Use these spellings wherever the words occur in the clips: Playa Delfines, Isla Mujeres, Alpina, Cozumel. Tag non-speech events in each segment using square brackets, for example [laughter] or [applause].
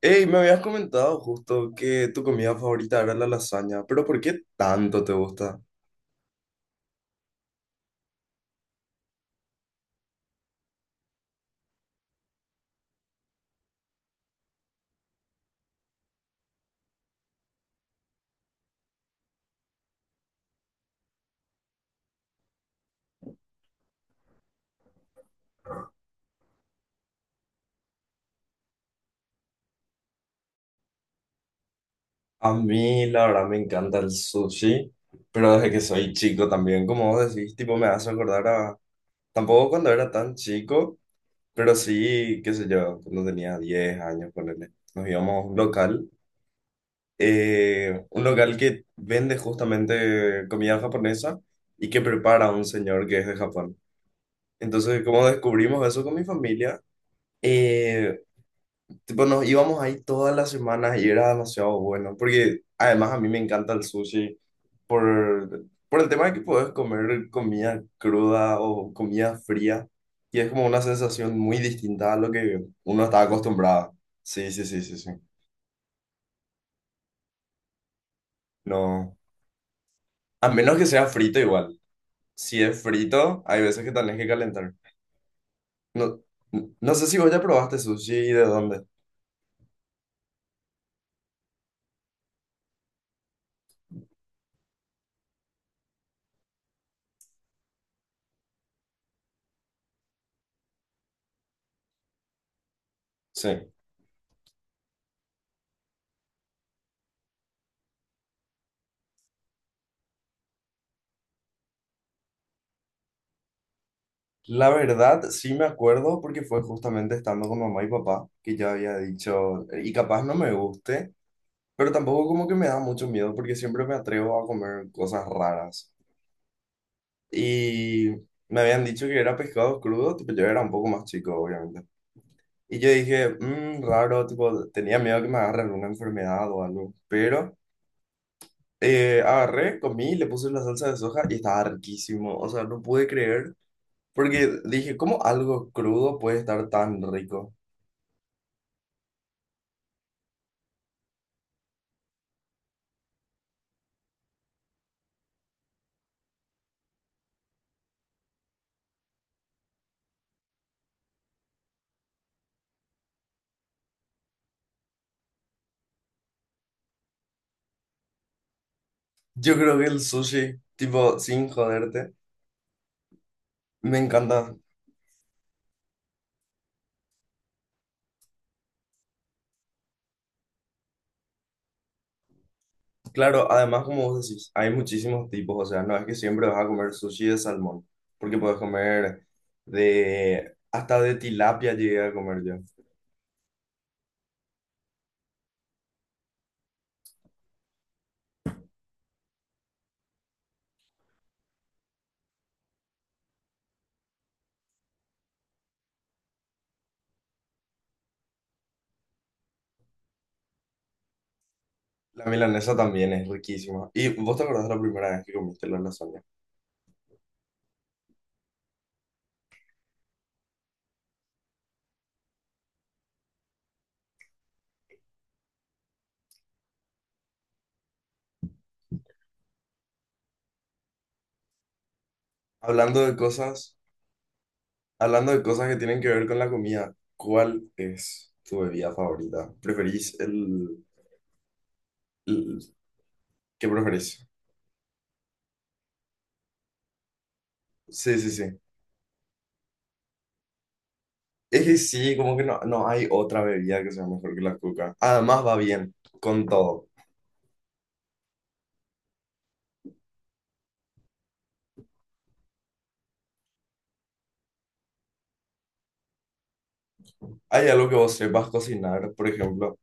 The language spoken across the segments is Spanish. Hey, me habías comentado justo que tu comida favorita era la lasaña, pero ¿por qué tanto te gusta? A mí, la verdad, me encanta el sushi, pero desde que soy chico también, como vos decís, tipo, me hace acordar a. Tampoco cuando era tan chico, pero sí, qué sé yo, cuando tenía 10 años, ponele. Nos íbamos a un local que vende justamente comida japonesa y que prepara un señor que es de Japón. ¿Entonces, como descubrimos eso con mi familia? eh, Tipo, nos íbamos ahí todas las semanas y era demasiado bueno, porque además a mí me encanta el sushi por el tema de que puedes comer comida cruda o comida fría y es como una sensación muy distinta a lo que uno está acostumbrado. Sí, sí, sí, sí, sí. No, a menos que sea frito igual. Si es frito, hay veces que tenés que calentar. No, no sé si vos ya probaste sushi y de dónde. Sí. La verdad, sí me acuerdo porque fue justamente estando con mamá y papá que yo había dicho, y capaz no me guste, pero tampoco como que me da mucho miedo porque siempre me atrevo a comer cosas raras. Y me habían dicho que era pescado crudo, tipo yo era un poco más chico, obviamente. Y yo dije, raro, tipo tenía miedo que me agarre alguna enfermedad o algo, pero agarré, comí, le puse la salsa de soja y estaba riquísimo, o sea, no pude creer. Porque dije, ¿cómo algo crudo puede estar tan rico? Yo creo que el sushi, tipo, sin joderte, me encanta. Claro, además, como vos decís, hay muchísimos tipos, o sea, no es que siempre vas a comer sushi de salmón, porque puedes comer de, hasta de tilapia llegué a comer yo. La milanesa también es riquísima. ¿Y vos te acordás de la primera vez que comiste la lasaña? Hablando de cosas, hablando de cosas que tienen que ver con la comida, ¿cuál es tu bebida favorita? ¿Preferís el- qué preferís? Sí, sí, sí. Es que sí, como que no, no hay otra bebida que sea mejor que la coca. Además va bien con todo. ¿Hay algo que vos sepas cocinar, por ejemplo?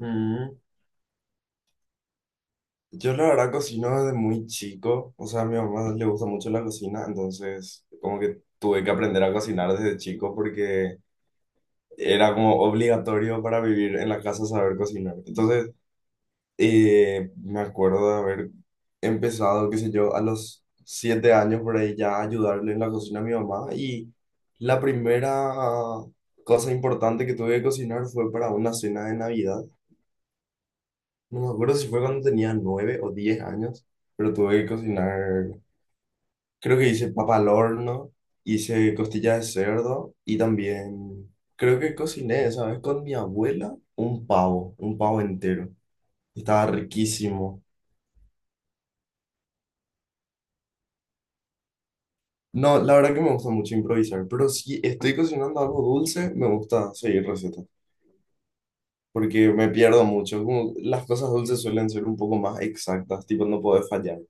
Mm. Yo la verdad cocino desde muy chico. O sea, a mi mamá le gusta mucho la cocina, entonces como que tuve que aprender a cocinar desde chico porque era como obligatorio para vivir en la casa saber cocinar. Entonces me acuerdo de haber empezado, qué sé yo, a los 7 años por ahí ya a ayudarle en la cocina a mi mamá y la primera cosa importante que tuve que cocinar fue para una cena de Navidad. No me acuerdo si fue cuando tenía 9 o 10 años, pero tuve que cocinar, creo que hice papa al horno, hice costilla de cerdo y también creo que cociné, ¿sabes? Con mi abuela un pavo entero. Estaba riquísimo. No, la verdad que me gusta mucho improvisar, pero si estoy cocinando algo dulce, me gusta seguir recetas, porque me pierdo mucho. Como las cosas dulces suelen ser un poco más exactas, tipo no puedes fallar.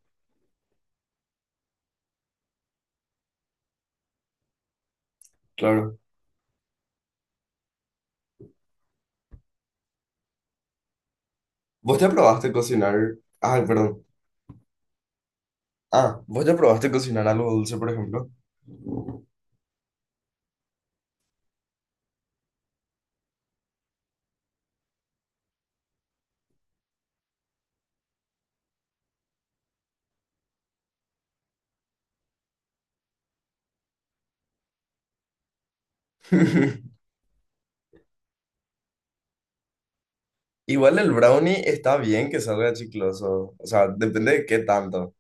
Claro. ¿Vos te probaste cocinar? Ah, perdón. Ah, ¿vos ya probaste cocinar algo dulce, por ejemplo? [laughs] Igual el brownie está bien que salga chicloso, o sea, depende de qué tanto.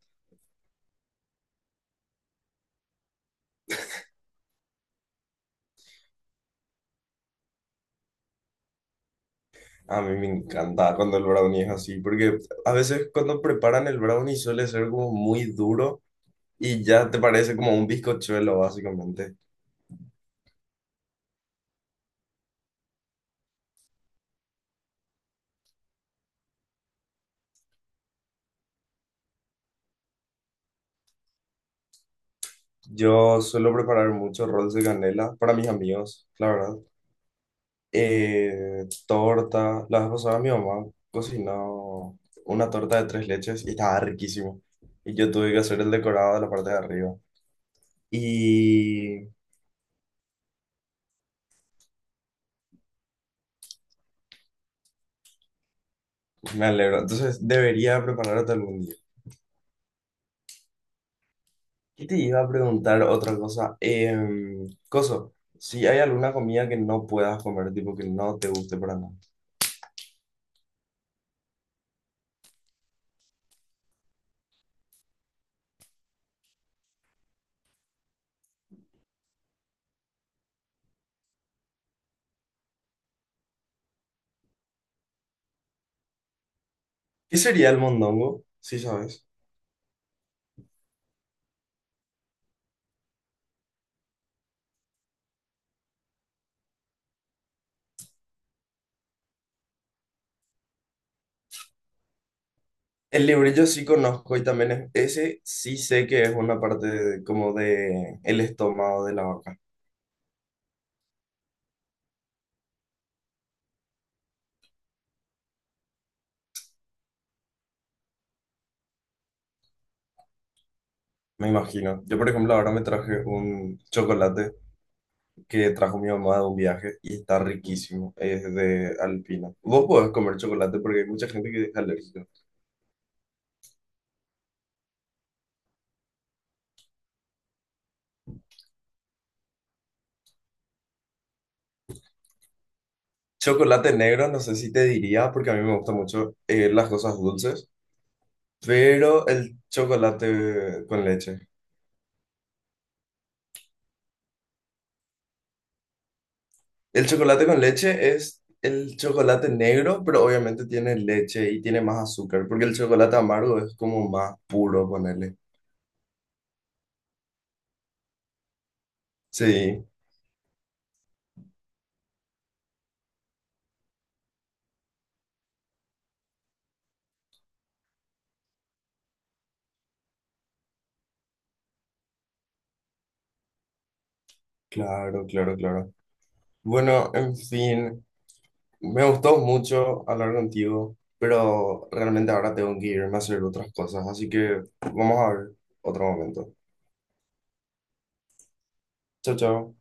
A mí me encanta cuando el brownie es así, porque a veces cuando preparan el brownie suele ser como muy duro. Y ya te parece como un bizcochuelo, básicamente. Yo suelo preparar mucho rolls de canela para mis amigos, la verdad. Torta. La vez pasada mi mamá cocinó una torta de tres leches y estaba riquísimo. Y yo tuve que hacer el decorado de la parte de arriba. Y me alegro. Entonces, debería prepararte algún día. ¿Qué te iba a preguntar otra cosa? Coso, si hay alguna comida que no puedas comer, tipo que no te guste para nada. ¿Qué sería el mondongo? Sí, sabes. El librillo sí conozco y también es, ese sí sé que es una parte de- como de el estómago de la vaca, me imagino. Yo, por ejemplo, ahora me traje un chocolate que trajo mi mamá de un viaje y está riquísimo, es de Alpina. Vos podés comer chocolate porque hay mucha gente que es alérgica. Chocolate negro, no sé si te diría porque a mí me gustan mucho las cosas dulces, pero el chocolate con leche. El chocolate con leche es el chocolate negro, pero obviamente tiene leche y tiene más azúcar, porque el chocolate amargo es como más puro, ponerle. Sí, claro, claro, claro. Bueno, en fin, me gustó mucho hablar contigo, pero realmente ahora tengo que irme a hacer otras cosas, así que vamos a ver otro momento. Chao, chao.